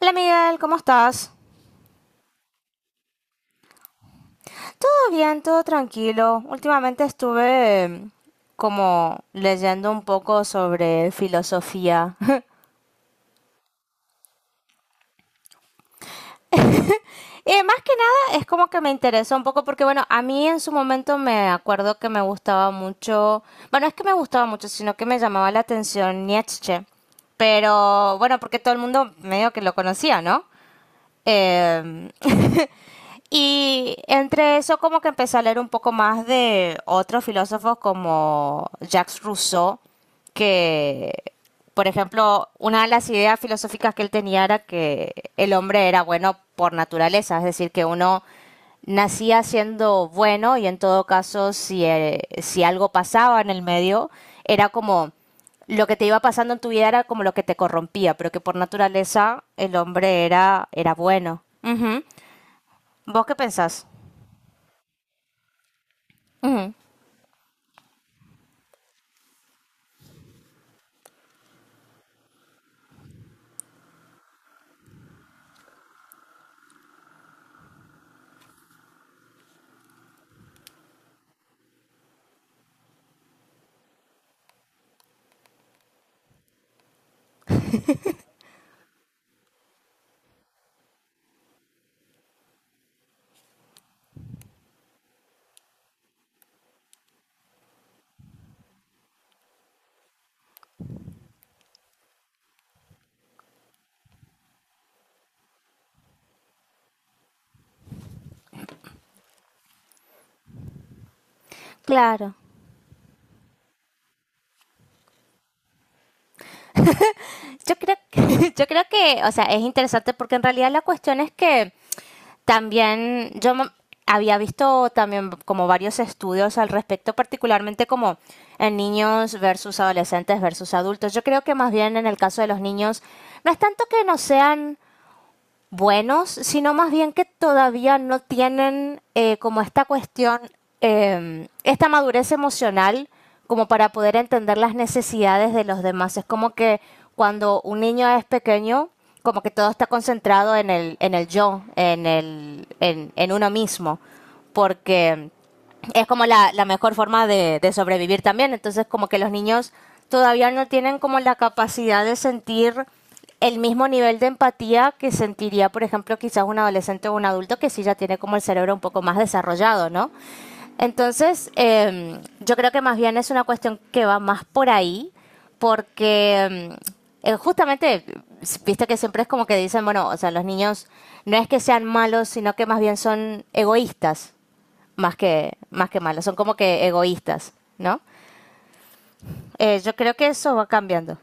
Hola Miguel, ¿cómo estás? Todo bien, todo tranquilo. Últimamente estuve como leyendo un poco sobre filosofía. Y más que nada es como que me interesa un poco porque bueno, a mí en su momento me acuerdo que me gustaba mucho, bueno, es que me gustaba mucho, sino que me llamaba la atención Nietzsche. Pero bueno, porque todo el mundo medio que lo conocía, ¿no? Eh, Y entre eso como que empecé a leer un poco más de otros filósofos como Jacques Rousseau, que, por ejemplo, una de las ideas filosóficas que él tenía era que el hombre era bueno por naturaleza, es decir, que uno nacía siendo bueno y en todo caso si, si algo pasaba en el medio, era como lo que te iba pasando en tu vida era como lo que te corrompía, pero que por naturaleza el hombre era bueno. Ujú. ¿Vos qué pensás? Ujú. Claro. Yo creo, yo creo que, o sea, es interesante porque en realidad la cuestión es que también había visto también como varios estudios al respecto, particularmente como en niños versus adolescentes versus adultos. Yo creo que más bien en el caso de los niños, no es tanto que no sean buenos, sino más bien que todavía no tienen como esta cuestión, esta madurez emocional como para poder entender las necesidades de los demás. Es como que cuando un niño es pequeño, como que todo está concentrado en el yo, en uno mismo, porque es como la mejor forma de sobrevivir también. Entonces, como que los niños todavía no tienen como la capacidad de sentir el mismo nivel de empatía que sentiría, por ejemplo, quizás un adolescente o un adulto que sí ya tiene como el cerebro un poco más desarrollado, ¿no? Entonces, yo creo que más bien es una cuestión que va más por ahí, porque em, justamente, viste que siempre es como que dicen, bueno, o sea, los niños no es que sean malos, sino que más bien son egoístas, más que malas, son como que egoístas, ¿no? Yo creo que eso va cambiando.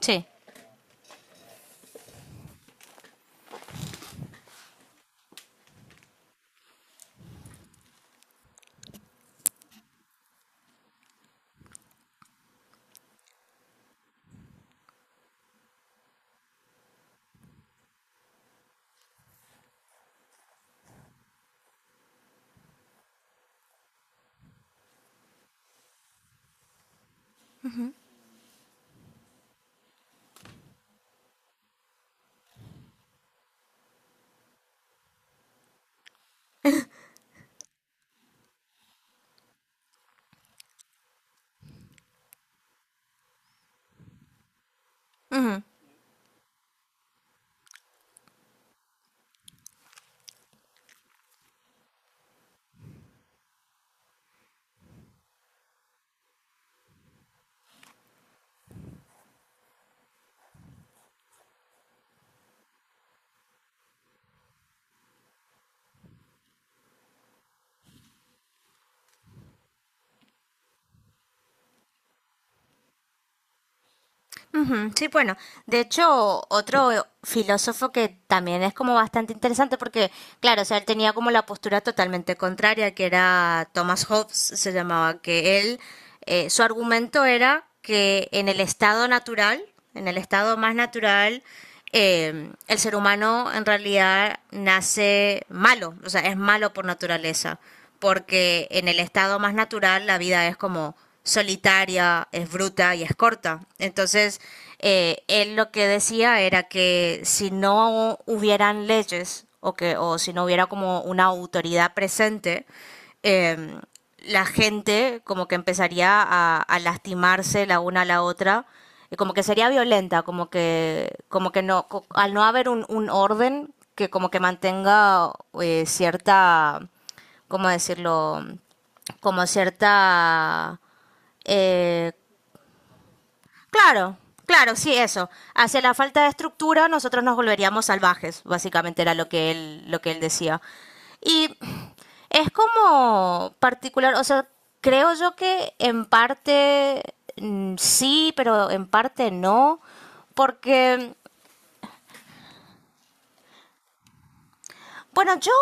Sí. Ujú, ujú. Sí, bueno, de hecho, otro filósofo que también es como bastante interesante porque, claro, o sea, él tenía como la postura totalmente contraria, que era Thomas Hobbes, se llamaba, que él, su argumento era que en el estado natural, en el estado más natural, el ser humano en realidad nace malo, o sea, es malo por naturaleza. Porque en el estado más natural la vida es como solitaria, es bruta y es corta. Entonces, él lo que decía era que si no hubieran leyes o, que, o si no hubiera como una autoridad presente, eh, la gente como que empezaría a lastimarse la una a la otra y como que sería violenta, como que no, al no haber un orden que como que mantenga cierta ¿cómo decirlo? Como cierta... eh, claro, claro, sí, eso. Hacia la falta de estructura nosotros nos volveríamos salvajes, básicamente era lo que él decía. Y es como particular, o sea, creo yo que en parte sí, pero en parte no, porque, bueno, yo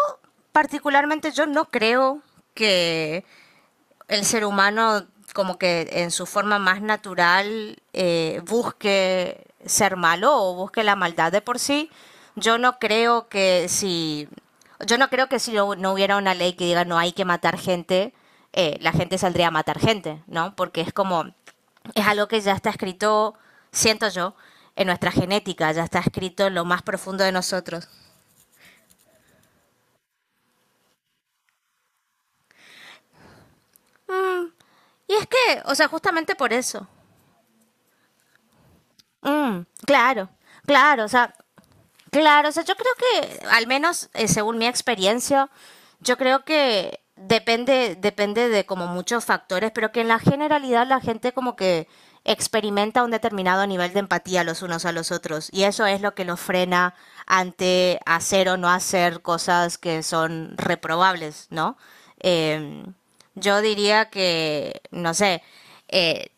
particularmente yo no creo que el ser humano como que en su forma más natural busque ser malo o busque la maldad de por sí. Yo no creo que si yo no creo que si no, no hubiera una ley que diga no hay que matar gente, la gente saldría a matar gente, ¿no? Porque es como es algo que ya está escrito, siento yo, en nuestra genética, ya está escrito en lo más profundo de nosotros. Y es que, o sea, justamente por eso. Mm, claro, claro, o sea, claro, o sea, yo creo que, al menos según mi experiencia, yo creo que depende, depende de como muchos factores, pero que en la generalidad la gente como que experimenta un determinado nivel de empatía los unos a los otros y eso es lo que los frena ante hacer o no hacer cosas que son reprobables, ¿no? Em, yo diría que, no sé, eh,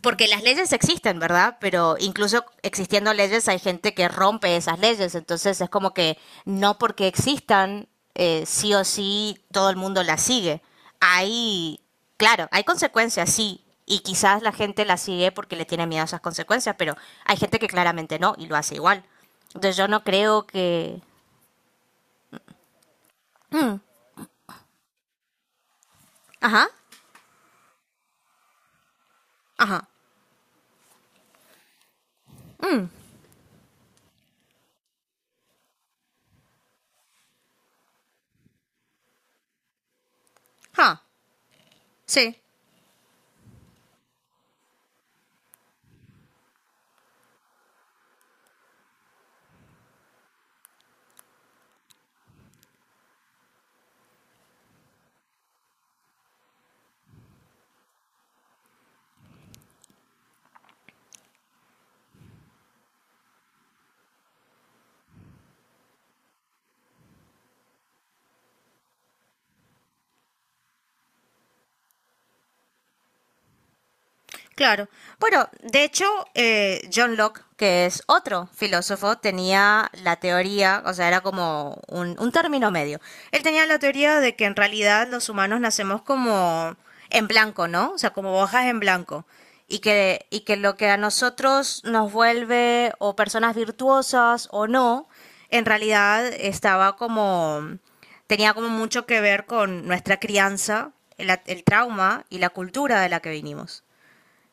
porque las leyes existen, ¿verdad? Pero incluso existiendo leyes hay gente que rompe esas leyes, entonces es como que no porque existan, sí o sí todo el mundo las sigue. Hay, claro, hay consecuencias, sí, y quizás la gente las sigue porque le tiene miedo a esas consecuencias, pero hay gente que claramente no y lo hace igual. Entonces yo no creo que... Ajá, ajá, ajá, sí. Claro. Bueno, de hecho, John Locke, que es otro filósofo, tenía la teoría, o sea, era como un término medio. Él tenía la teoría de que en realidad los humanos nacemos como en blanco, ¿no? O sea, como hojas en blanco. Y que lo que a nosotros nos vuelve o personas virtuosas o no, en realidad estaba como, tenía como mucho que ver con nuestra crianza, el trauma y la cultura de la que vinimos.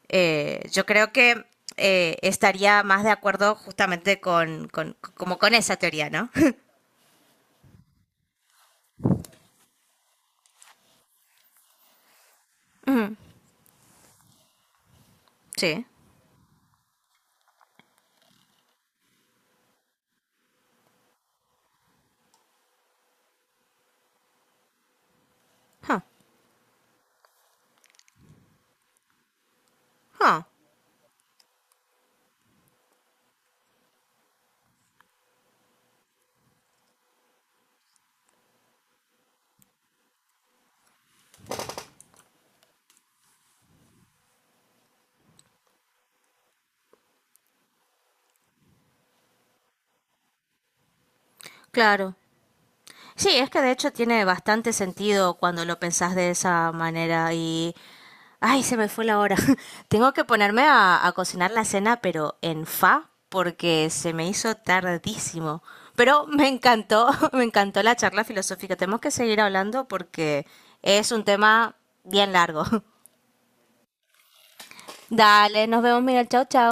Yo creo que estaría más de acuerdo justamente con, como con esa teoría, ¿no? Sí. Ah, ah, claro. Sí, es que de hecho tiene bastante sentido cuando lo pensás de esa manera y... Ay, se me fue la hora. Tengo que ponerme a cocinar la cena, pero en fa, porque se me hizo tardísimo. Pero me encantó, me encantó la charla filosófica. Tenemos que seguir hablando porque es un tema bien largo. Dale, nos vemos, Miguel. Chao, chao.